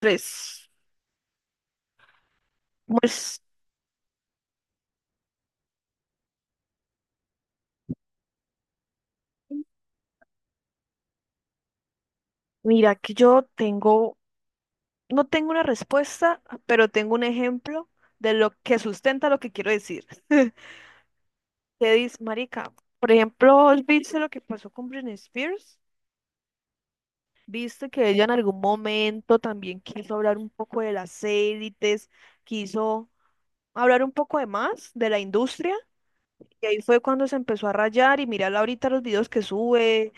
Tres. Pues mira que no tengo una respuesta, pero tengo un ejemplo de lo que sustenta lo que quiero decir. Te dice, marica, por ejemplo, ¿viste lo que pasó con Britney Spears? ¿Viste que ella en algún momento también quiso hablar un poco de las élites, quiso hablar un poco de más de la industria? Y ahí fue cuando se empezó a rayar y mirarla ahorita los videos que sube,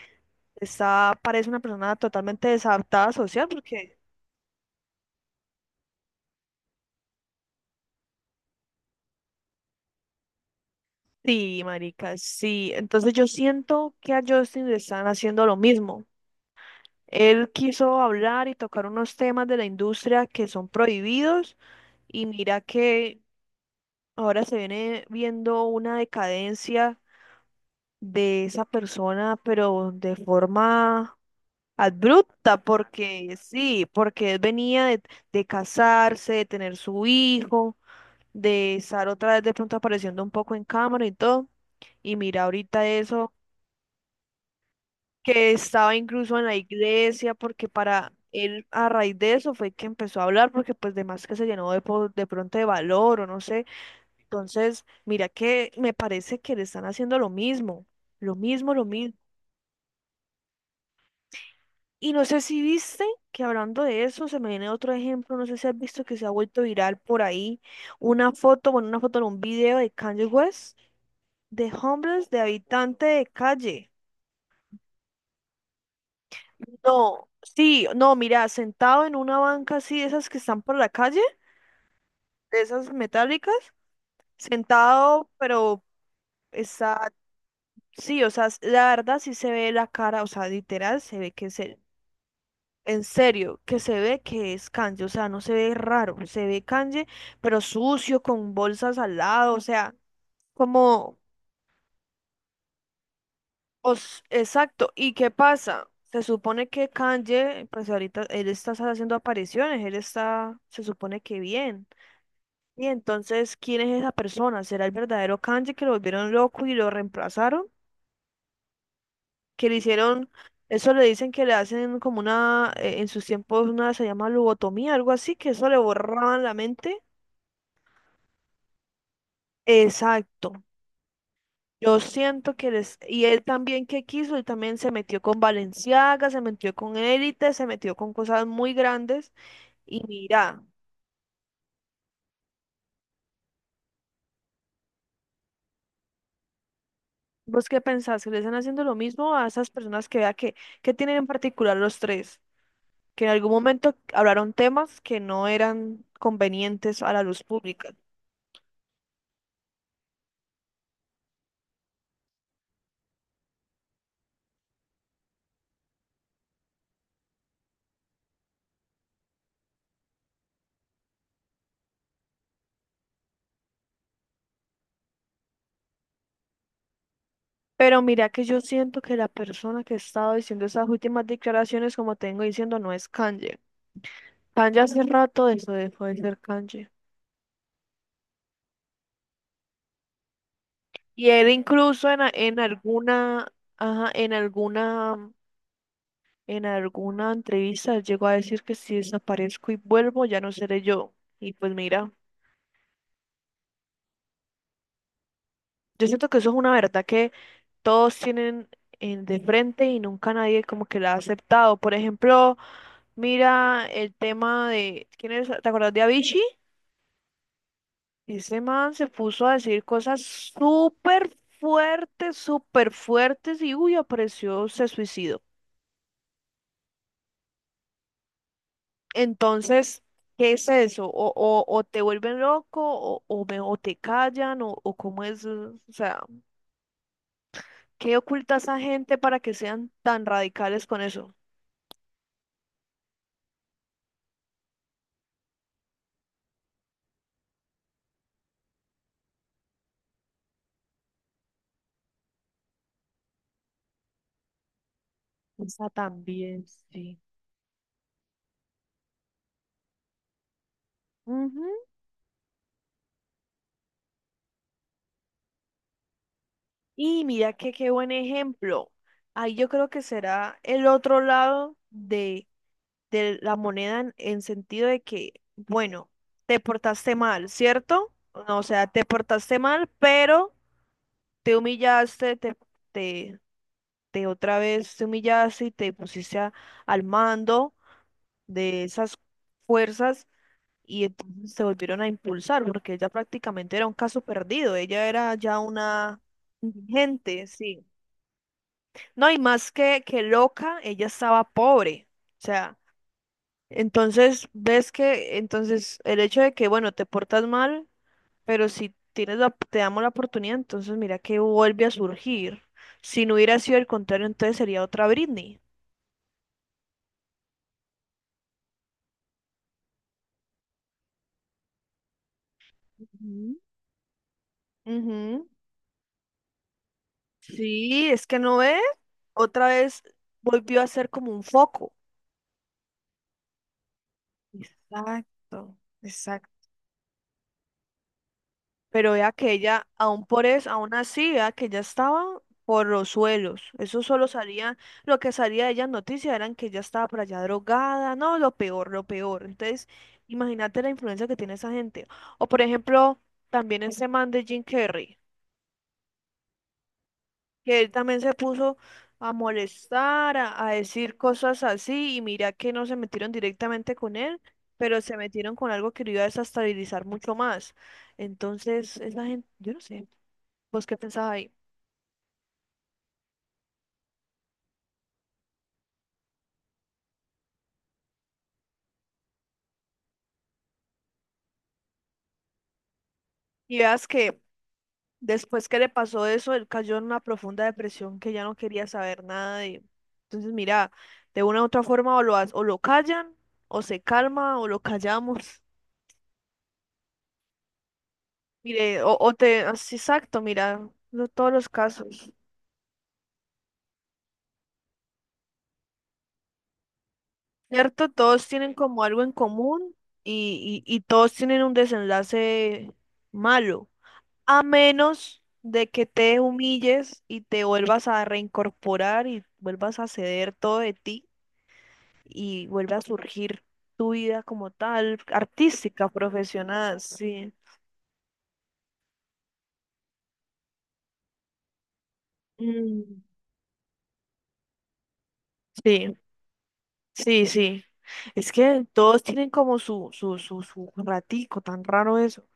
parece una persona totalmente desadaptada social porque sí, marica, sí. Entonces yo siento que a Justin le están haciendo lo mismo. Él quiso hablar y tocar unos temas de la industria que son prohibidos, y mira que ahora se viene viendo una decadencia de esa persona, pero de forma abrupta, porque sí, porque él venía de casarse, de tener su hijo, de estar otra vez de pronto apareciendo un poco en cámara y todo. Y mira ahorita eso, que estaba incluso en la iglesia, porque para él a raíz de eso fue que empezó a hablar, porque pues de más que se llenó de pronto de valor o no sé. Entonces, mira que me parece que le están haciendo lo mismo, lo mismo, lo mismo. Y no sé si viste que hablando de eso, se me viene otro ejemplo, no sé si has visto que se ha vuelto viral por ahí una foto en un video de Kanye West, de homeless, de habitante de calle. No, sí, no, mira, sentado en una banca así, de esas que están por la calle, de esas metálicas, sentado, pero está, sí, o sea, la verdad sí se ve la cara, o sea, literal, se ve que se, en serio, que se ve que es Kanye, o sea, no se ve raro, se ve Kanye, pero sucio, con bolsas al lado, o sea, como, os, exacto, ¿y qué pasa? Se supone que Kanye, pues ahorita él está haciendo apariciones, se supone que bien. Y entonces, ¿quién es esa persona? ¿Será el verdadero Kanji que lo volvieron loco y lo reemplazaron? Que le hicieron, eso le dicen que le hacen como una, en sus tiempos una se llama lobotomía, algo así, que eso le borraban la mente. Exacto. Yo siento que les, y él también que quiso, él también se metió con Balenciaga, se metió con Élite, se metió con cosas muy grandes. Y mira, ¿vos qué pensás? ¿Que le están haciendo lo mismo a esas personas que vea que tienen en particular los tres? Que en algún momento hablaron temas que no eran convenientes a la luz pública. Pero mira que yo siento que la persona que estaba diciendo esas últimas declaraciones, como tengo diciendo, no es Kanye. Kanye hace rato de eso dejó de ser Kanye. Y él incluso en alguna, ajá, en alguna entrevista él llegó a decir que si desaparezco y vuelvo, ya no seré yo. Y pues mira. Yo siento que eso es una verdad que todos tienen de frente y nunca nadie como que la ha aceptado. Por ejemplo, mira el tema de, ¿quién es? ¿Te acuerdas de Avicii? Ese man se puso a decir cosas súper fuertes y uy, apareció, se suicidó. Entonces, ¿qué es eso? O te vuelven loco o te callan o cómo es, o sea, ¿qué oculta esa gente para que sean tan radicales con eso? Esa también, sí. Ujú. Y mira que qué buen ejemplo. Ahí yo creo que será el otro lado de la moneda en sentido de que, bueno, te portaste mal, ¿cierto? No, o sea, te portaste mal, pero te humillaste, te, te, te otra vez te humillaste y te pusiste al mando de esas fuerzas y entonces se volvieron a impulsar porque ella prácticamente era un caso perdido, ella era ya una indigente, sí. No, y más que loca, ella estaba pobre, o sea, entonces ves que, entonces el hecho de que, bueno, te portas mal, pero si tienes la, te damos la oportunidad, entonces mira que vuelve a surgir. Si no hubiera sido el contrario, entonces sería otra Britney. Ujú. Ujú. Sí, es que no ve, otra vez volvió a ser como un foco. Exacto, exacto. Pero vea que ella, aún por eso, aún así, vea que ella estaba por los suelos. Lo que salía de ella en noticias eran que ella estaba por allá drogada, no, lo peor, lo peor. Entonces, imagínate la influencia que tiene esa gente. O por ejemplo, también ese man de Jim Carrey, que él también se puso a molestar, a decir cosas así, y mira que no se metieron directamente con él, pero se metieron con algo que lo iba a desestabilizar mucho más. Entonces, esa gente, yo no sé, vos qué pensabas ahí. Y veas que después que le pasó eso, él cayó en una profunda depresión que ya no quería saber nada de... Entonces, mira, de una u otra forma o lo callan, o se calma, o lo callamos. Mire, o te... así, Exacto, mira, no todos los casos. ¿Cierto? Todos tienen como algo en común y todos tienen un desenlace malo, a menos de que te humilles y te vuelvas a reincorporar y vuelvas a ceder todo de ti y vuelva a surgir tu vida como tal, artística, profesional, sí. Mm, sí, sí, sí. Es que todos tienen como su ratico, tan raro eso.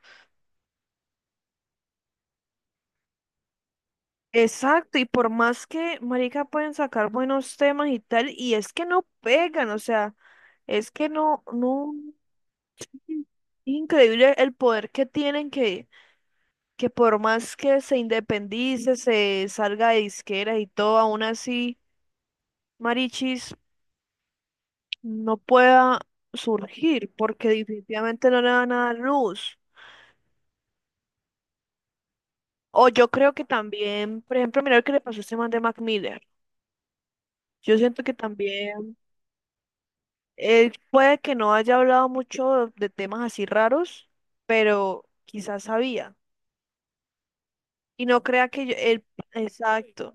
Exacto, y por más que, marica, pueden sacar buenos temas y tal, y es que no pegan, o sea, es que no, es increíble el poder que tienen que por más que se independice, se salga de disqueras y todo, aún así, Marichis no pueda surgir, porque definitivamente no le van a dar luz. O yo creo que también, por ejemplo, mira lo que le pasó a este man de Mac Miller. Yo siento que también él puede que no haya hablado mucho de temas así raros, pero quizás sabía. Y no crea que yo, él, exacto,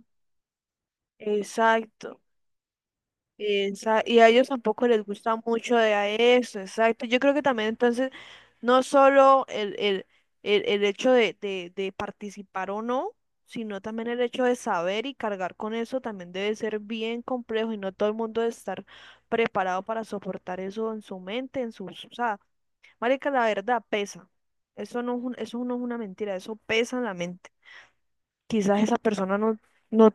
exacto. Y a ellos tampoco les gusta mucho de a eso, exacto. Yo creo que también entonces, no solo el hecho de participar o no, sino también el hecho de saber y cargar con eso también debe ser bien complejo y no todo el mundo debe estar preparado para soportar eso en su mente, en sus, o sea, marica, la verdad pesa. Eso no es una mentira, eso pesa en la mente. Quizás esa persona no,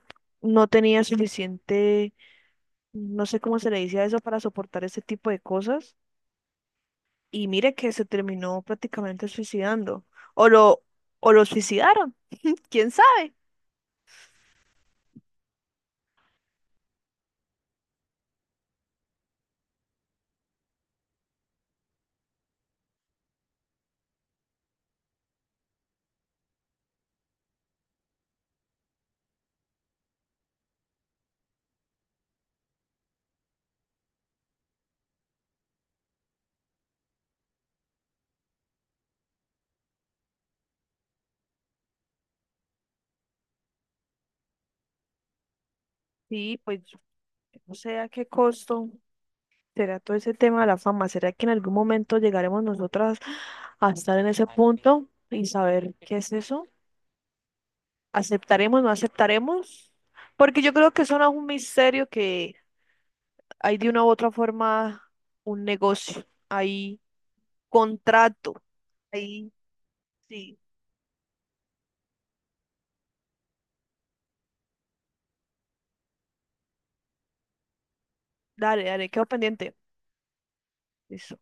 no tenía suficiente, no sé cómo se le dice a eso, para soportar ese tipo de cosas. Y mire que se terminó prácticamente suicidando. O lo, o lo suicidaron, quién sabe. Sí, pues no sé a qué costo será todo ese tema de la fama. ¿Será que en algún momento llegaremos nosotras a estar en ese punto y saber qué es eso? Aceptaremos, no aceptaremos, porque yo creo que eso no es un misterio que hay de una u otra forma un negocio, hay contrato, ahí sí, dale, dale, quedo pendiente. Listo.